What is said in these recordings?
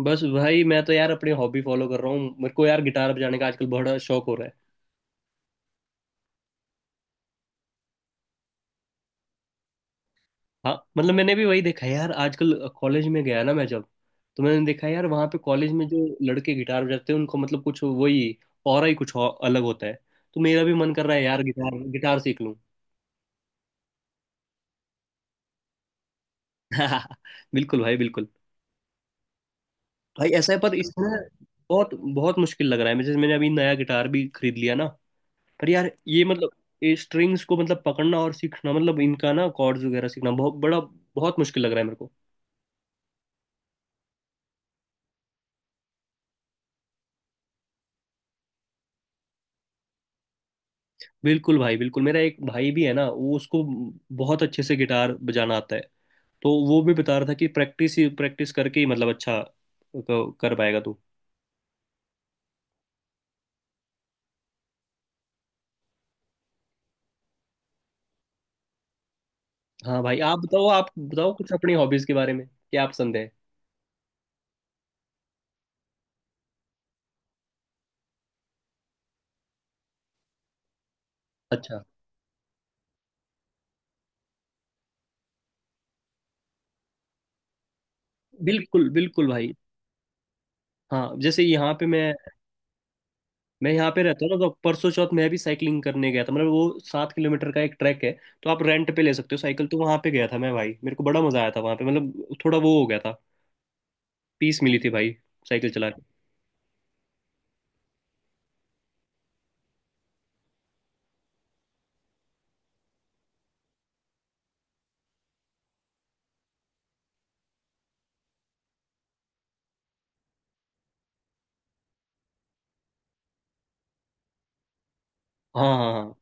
बस भाई मैं तो यार अपनी हॉबी फॉलो कर रहा हूँ। मेरे को यार गिटार बजाने का आजकल बड़ा शौक हो रहा है। हाँ, मतलब मैंने भी वही देखा है यार। आजकल कॉलेज में गया ना मैं जब, तो मैंने देखा यार वहाँ पे कॉलेज में जो लड़के गिटार बजाते हैं उनको मतलब कुछ वही और ही कुछ और अलग होता है। तो मेरा भी मन कर रहा है यार, गिटार गिटार सीख लूँ। बिल्कुल भाई, बिल्कुल। भाई ऐसा है, पर इसमें बहुत बहुत मुश्किल लग रहा है। जैसे मैंने अभी नया गिटार भी खरीद लिया ना, पर यार ये मतलब ये स्ट्रिंग्स को मतलब पकड़ना और सीखना, मतलब इनका ना कॉर्ड्स वगैरह सीखना बहुत बड़ा बहुत मुश्किल लग रहा है मेरे को। बिल्कुल भाई, बिल्कुल। मेरा एक भाई भी है ना, वो उसको बहुत अच्छे से गिटार बजाना आता है। तो वो भी बता रहा था कि प्रैक्टिस ही प्रैक्टिस करके ही मतलब अच्छा कर पाएगा तू। हाँ भाई, आप बताओ कुछ अपनी हॉबीज के बारे में, क्या आप पसंद है। अच्छा। बिल्कुल बिल्कुल भाई। हाँ, जैसे यहाँ पे मैं यहाँ पे रहता हूँ ना, तो परसों चौथ मैं भी साइकिलिंग करने गया था। मतलब वो 7 किलोमीटर का एक ट्रैक है, तो आप रेंट पे ले सकते हो साइकिल। तो वहाँ पे गया था मैं भाई, मेरे को बड़ा मजा आया था वहाँ पे। मतलब थोड़ा वो हो गया था, पीस मिली थी भाई, साइकिल चला के। हाँ, हाँ, हाँ।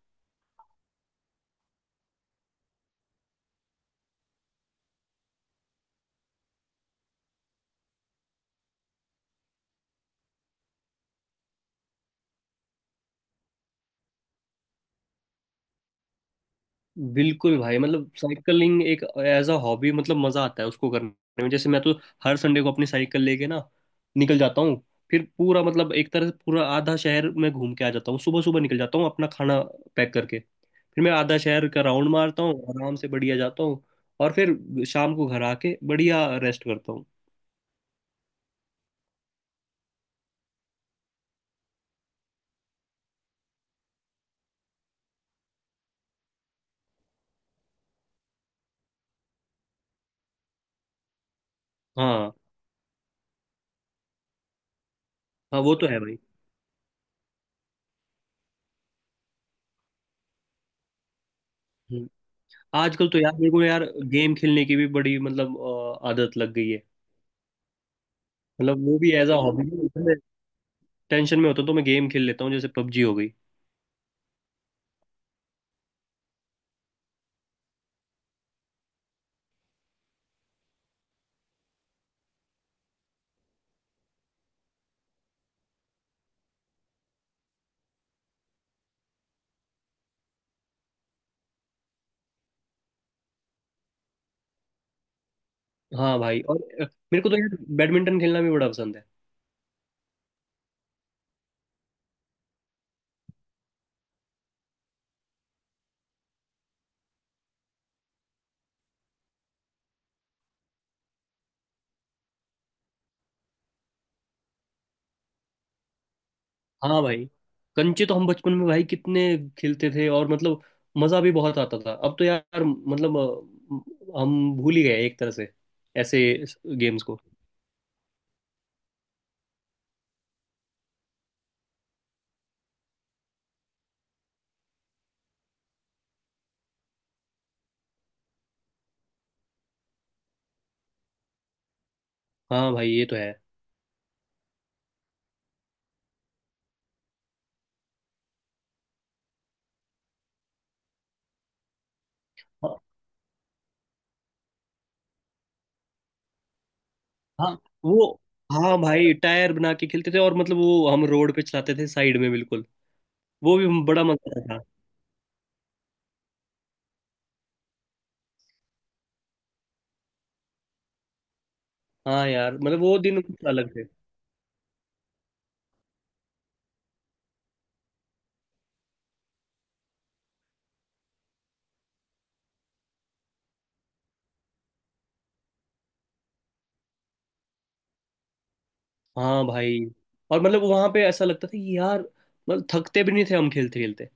बिल्कुल भाई, मतलब साइकिलिंग एक एज अ हॉबी, मतलब मजा आता है उसको करने में। जैसे मैं तो हर संडे को अपनी साइकिल लेके ना निकल जाता हूँ। फिर पूरा मतलब एक तरह से पूरा आधा शहर में घूम के आ जाता हूँ। सुबह सुबह निकल जाता हूँ, अपना खाना पैक करके फिर मैं आधा शहर का राउंड मारता हूँ, आराम से बढ़िया जाता हूँ। और फिर शाम को घर आके बढ़िया रेस्ट करता हूँ। हाँ, हाँ। वो तो है भाई। हम्म। आजकल तो यार मेरे को यार गेम खेलने की भी बड़ी मतलब आदत लग गई है। मतलब वो भी एज अ हॉबी, टेंशन में होता हूँ तो मैं गेम खेल लेता हूँ, जैसे पबजी हो गई। हाँ भाई, और मेरे को तो यार बैडमिंटन खेलना भी बड़ा पसंद है। हाँ भाई, कंचे तो हम बचपन में भाई कितने खेलते थे, और मतलब मजा भी बहुत आता था। अब तो यार मतलब हम भूल ही गए एक तरह से ऐसे गेम्स को। हाँ भाई, ये तो है। हाँ, हाँ, वो हाँ भाई, टायर बना के खेलते थे, और मतलब वो हम रोड पे चलाते थे साइड में, बिल्कुल। वो भी बड़ा मजा आता था। हाँ यार, मतलब वो दिन कुछ अलग थे। हाँ भाई, और मतलब वहां पे ऐसा लगता था कि यार, मतलब थकते भी नहीं थे हम खेलते खेलते।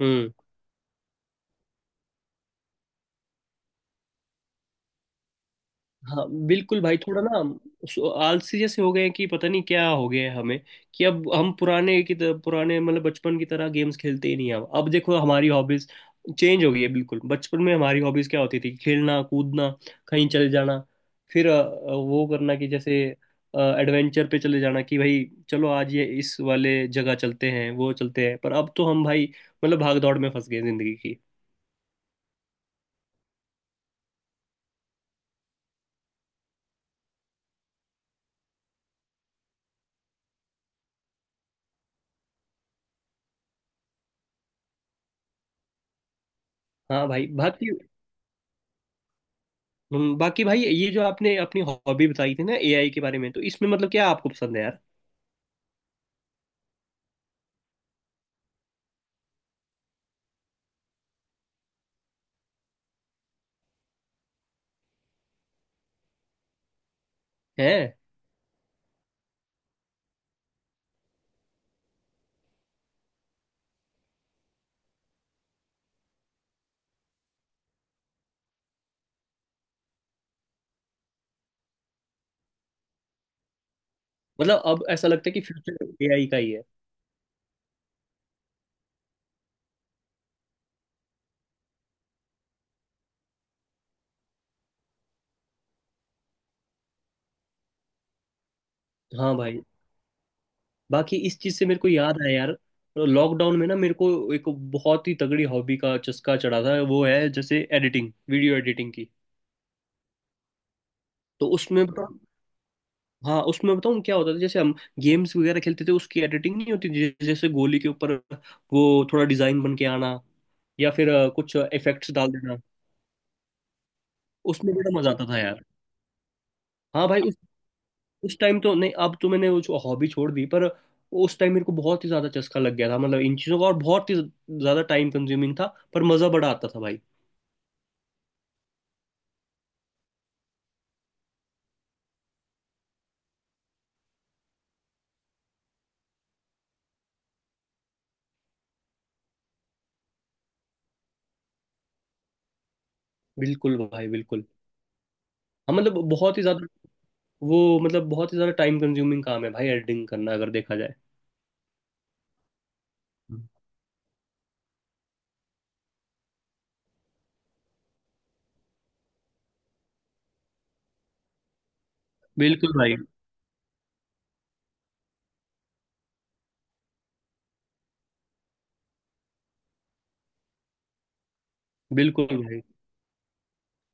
हम्म। हाँ बिल्कुल भाई, थोड़ा ना आलसी जैसे हो गए हैं, कि पता नहीं क्या हो गया है हमें। कि अब हम पुराने की तरह, पुराने मतलब बचपन की तरह गेम्स खेलते ही नहीं हैं। अब देखो हमारी हॉबीज चेंज हो गई है बिल्कुल। बचपन में हमारी हॉबीज क्या होती थी, खेलना कूदना, कहीं चले जाना, फिर वो करना, कि जैसे एडवेंचर पे चले जाना, कि भाई चलो आज ये इस वाले जगह चलते हैं, वो चलते हैं। पर अब तो हम भाई मतलब भाग दौड़ में फंस गए जिंदगी की। हाँ भाई, बाकी बाकी भाई, ये जो आपने अपनी हॉबी बताई थी ना एआई के बारे में, तो इसमें मतलब क्या आपको पसंद है यार। है। मतलब अब ऐसा लगता है कि फ्यूचर एआई का ही है। हाँ भाई, बाकी इस चीज से मेरे को याद आया यार, लॉकडाउन में ना मेरे को एक बहुत ही तगड़ी हॉबी का चस्का चढ़ा था। वो है जैसे एडिटिंग, वीडियो एडिटिंग की। तो उसमें बताऊँ। हाँ, उसमें बताऊँ क्या होता था, जैसे हम गेम्स वगैरह खेलते थे उसकी एडिटिंग नहीं होती, जैसे गोली के ऊपर वो थोड़ा डिजाइन बन के आना, या फिर कुछ इफेक्ट्स डाल देना। उसमें बड़ा मजा आता था यार। हाँ भाई, उस टाइम तो नहीं, अब तो मैंने वो हॉबी छोड़ दी। पर उस टाइम मेरे को बहुत ही ज्यादा चस्का लग गया था, मतलब इन चीजों का, और बहुत ही ज्यादा टाइम कंज्यूमिंग था। पर मजा बड़ा आता था भाई। बिल्कुल भाई, बिल्कुल। हाँ मतलब बहुत ही ज्यादा वो, मतलब बहुत ही ज्यादा टाइम कंज्यूमिंग काम है भाई एडिटिंग करना, अगर देखा जाए। बिल्कुल भाई, बिल्कुल। भाई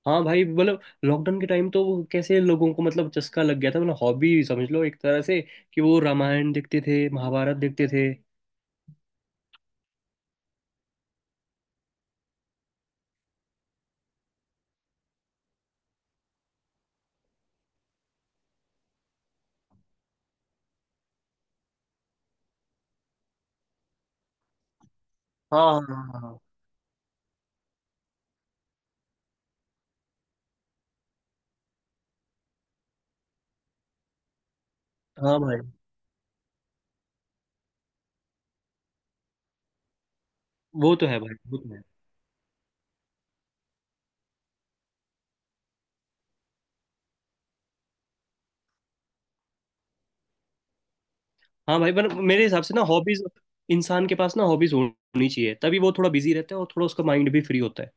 हाँ भाई, मतलब लॉकडाउन के टाइम तो वो कैसे लोगों को मतलब चस्का लग गया था, मतलब हॉबी समझ लो एक तरह से, कि वो रामायण देखते थे, महाभारत देखते थे। हाँ, हाँ, हाँ, हाँ। हाँ भाई, वो तो है भाई, वो तो है। हाँ भाई, पर मेरे हिसाब से ना हॉबीज इंसान के पास ना हॉबीज होनी चाहिए, तभी वो थोड़ा बिजी रहता है और थोड़ा उसका माइंड भी फ्री होता है।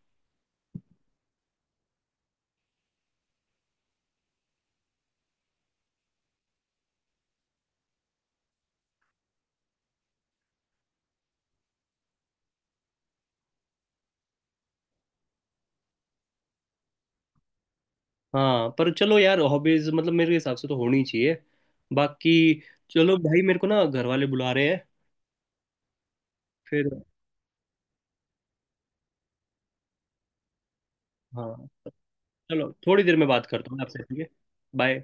हाँ, पर चलो यार, हॉबीज मतलब मेरे हिसाब से तो होनी चाहिए। बाकी चलो भाई, मेरे को ना घर वाले बुला रहे हैं। फिर हाँ, चलो थोड़ी देर में बात करता हूँ आपसे, ठीक है। बाय।